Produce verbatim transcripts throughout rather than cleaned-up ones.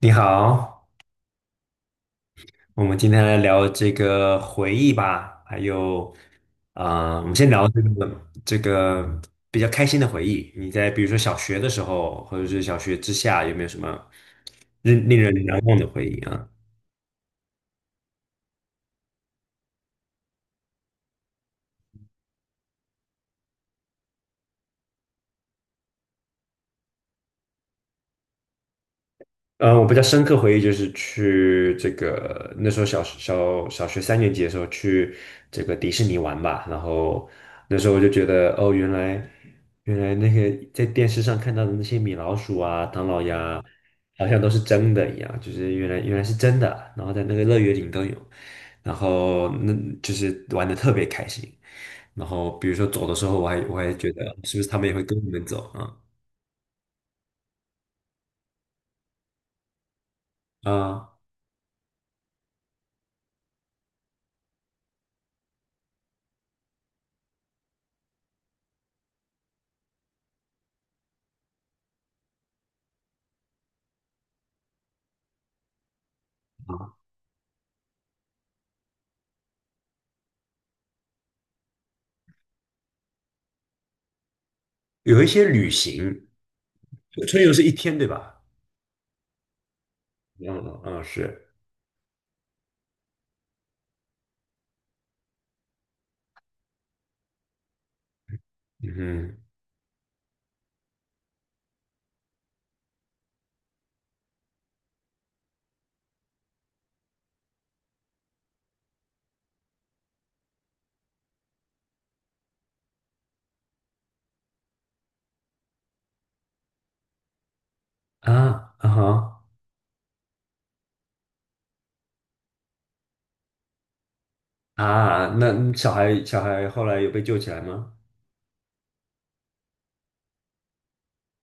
你好，我们今天来聊这个回忆吧，还有，啊、我们先聊这个这个比较开心的回忆。你在比如说小学的时候，或者是小学之下，有没有什么令令人难忘的回忆啊？嗯，呃我比较深刻回忆就是去这个那时候小小小学三年级的时候去这个迪士尼玩吧，然后那时候我就觉得哦，原来原来那个在电视上看到的那些米老鼠啊、唐老鸭啊，好像都是真的一样，就是原来原来是真的，然后在那个乐园里都有，然后那就是玩的特别开心，然后比如说走的时候，我还我还觉得是不是他们也会跟我们走啊啊。有一些旅行，春游是一天对吧？嗯嗯是，嗯哼啊啊哈啊，那小孩小孩后来有被救起来吗？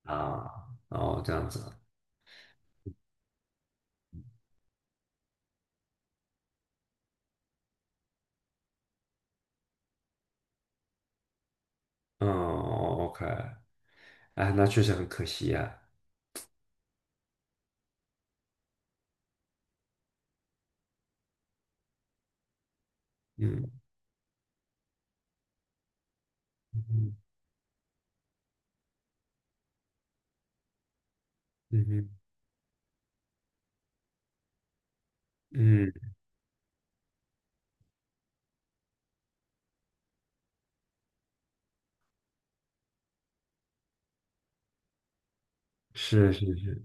啊，哦这样子，嗯，OK，哎，那确实很可惜呀、嗯嗯嗯哼嗯，是是是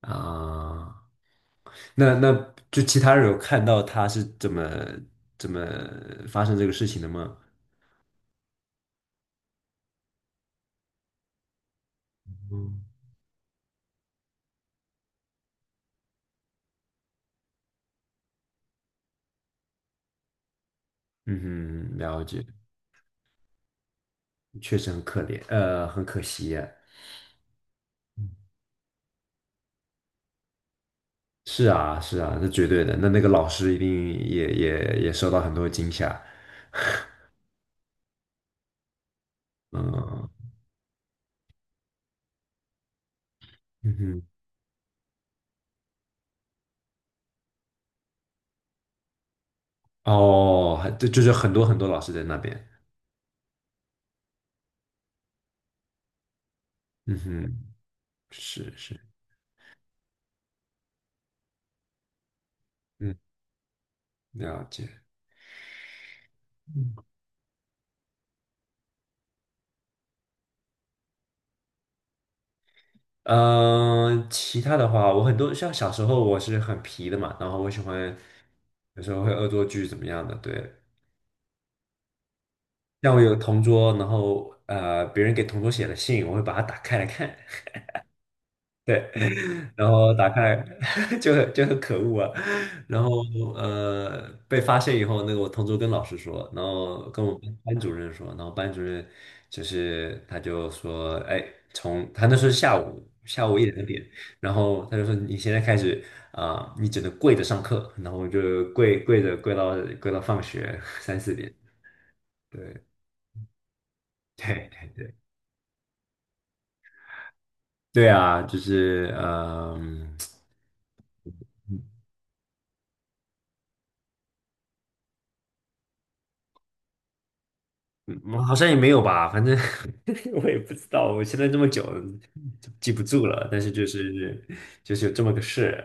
啊，那那就其他人有看到他是怎么怎么发生这个事情的吗？嗯嗯哼，了解，确实很可怜，呃，很可惜呀、是啊，是啊，那绝对的。那那个老师一定也也也受到很多惊吓。嗯嗯哼，哦，还对，就是很多很多老师在那边。嗯哼，是是，嗯，了解。嗯，呃其他的话，我很多像小时候我是很皮的嘛，然后我喜欢有时候会恶作剧怎么样的。对，像我有个同桌，然后呃，别人给同桌写了信，我会把它打开来看。对，然后打开 就很就很可恶啊，然后呃被发现以后，那个我同桌跟老师说，然后跟我们班主任说，然后班主任就是他就说，哎，从他那时候是下午下午一两点，然后他就说你现在开始啊、你只能跪着上课，然后我就跪跪着跪到跪到放学三四点，对 对对对，对啊，就是呃嗯。嗯，我好像也没有吧，反正 我也不知道，我现在这么久就记不住了，但是就是就是有这么个事，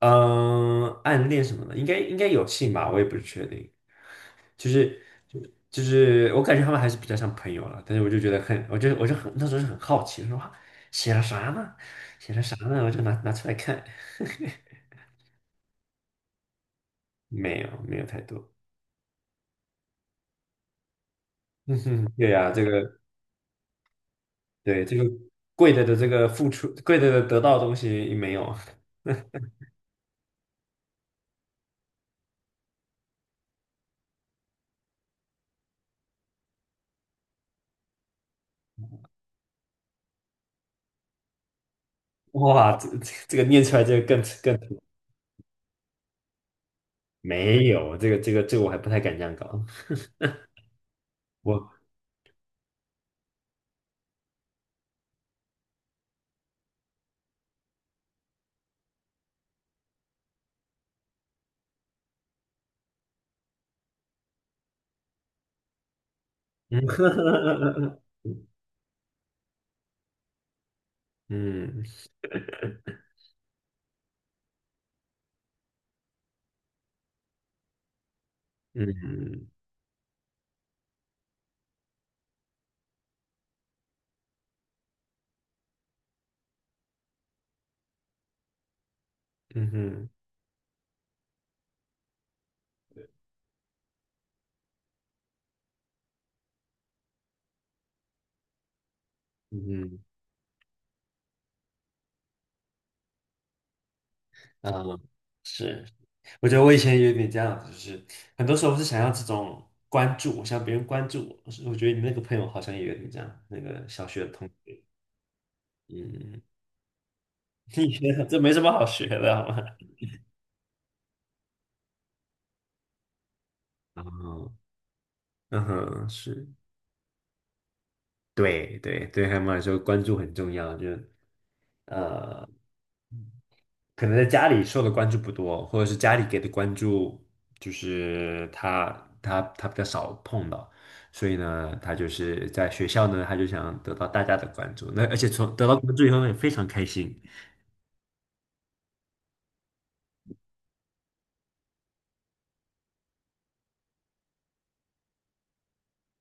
嗯，暗恋什么的，应该应该有信吧，我也不是确定，就是就就是我感觉他们还是比较像朋友了，但是我就觉得很，我就我就很那时候是很好奇，说哇写了啥呢？写了啥呢？我就拿拿出来看，没有没有太多，嗯哼，对呀、这个对这个贵的的这个付出，贵的的得到的东西没有。哇，这这这个念出来这个更更没有，这个这个这个我还不太敢这样搞。我嗯 嗯嗯嗯哼嗯哼啊，是，我觉得我以前也有点这样，就是很多时候是想要这种关注，我想别人关注我。我觉得你那个朋友好像也有点这样，那个小学的同学，嗯，你觉得这没什么好学的，好吗？哦，嗯哼，是，对对对，还有来说，关注很重要，就呃，可能在家里受的关注不多，或者是家里给的关注，就是他他他比较少碰到，所以呢，他就是在学校呢，他就想得到大家的关注，那而且从得到关注以后呢，也非常开心，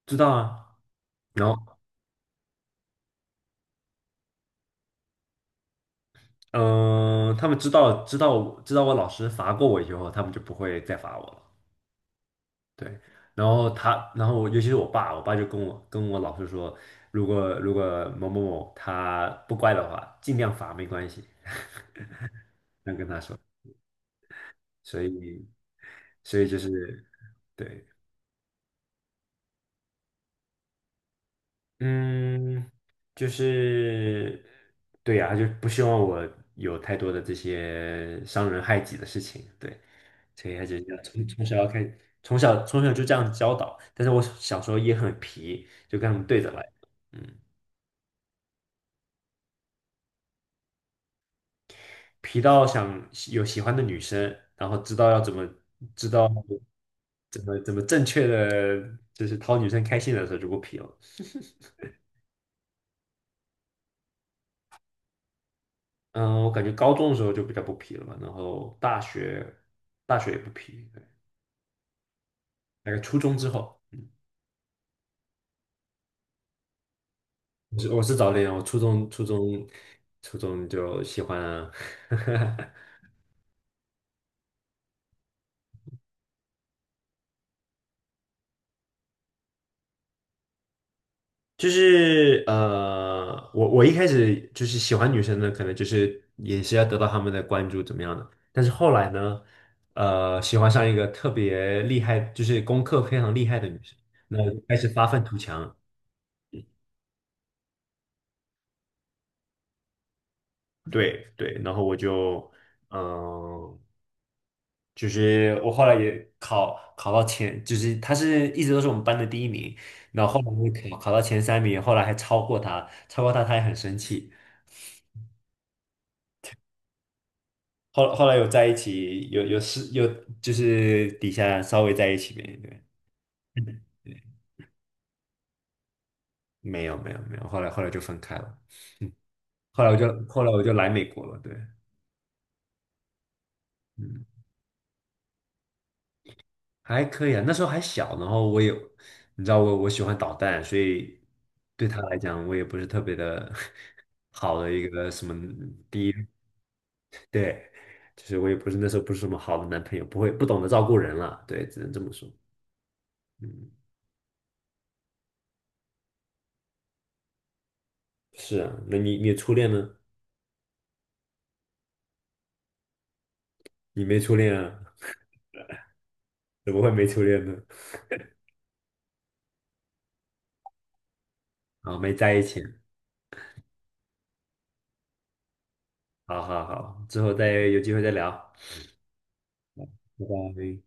知道啊，然后嗯、呃他们知道知道我知道我老师罚过我以后，他们就不会再罚我了，对，然后他，然后尤其是我爸，我爸，就跟我跟我老师说，如果如果某某某他不乖的话，尽量罚没关系。能跟他说，所以所以就是对，嗯，就是对呀、他就不希望我有太多的这些伤人害己的事情，对，所以他就要从从小要开，从小从小就这样教导，但是我小时候也很皮，就跟他们对着来，嗯，皮到想有喜欢的女生，然后知道要怎么知道怎么怎么正确的，就是讨女生开心的时候就不皮了。嗯，我感觉高中的时候就比较不皮了嘛，然后大学大学也不皮，对，大概初中之后，我是我是早恋，我初中初中初中就喜欢啊，就是呃，我我一开始就是喜欢女生呢，可能就是也是要得到她们的关注怎么样的，但是后来呢，呃，喜欢上一个特别厉害，就是功课非常厉害的女生，那开始发愤图强，对对，然后我就。嗯，就是我后来也考考到前，就是他是一直都是我们班的第一名，然后后来就考考到前三名，后来还超过他，超过他他也很生气。后后来有在一起，有有是有就是底下稍微在一起呗，对，嗯。没有没有没有，后来后来就分开了，嗯，后来我就后来我就来美国了，对，嗯。还可以啊，那时候还小，然后我也，你知道我我喜欢捣蛋，所以对他来讲，我也不是特别的 好的一个什么第一，对，就是我也不是那时候不是什么好的男朋友，不会不懂得照顾人了，对，只能这么说。嗯，是啊，那你你初恋呢？你没初恋啊？怎么会没初恋呢？啊，没在一起。好好好，之后再有机会再聊，拜拜。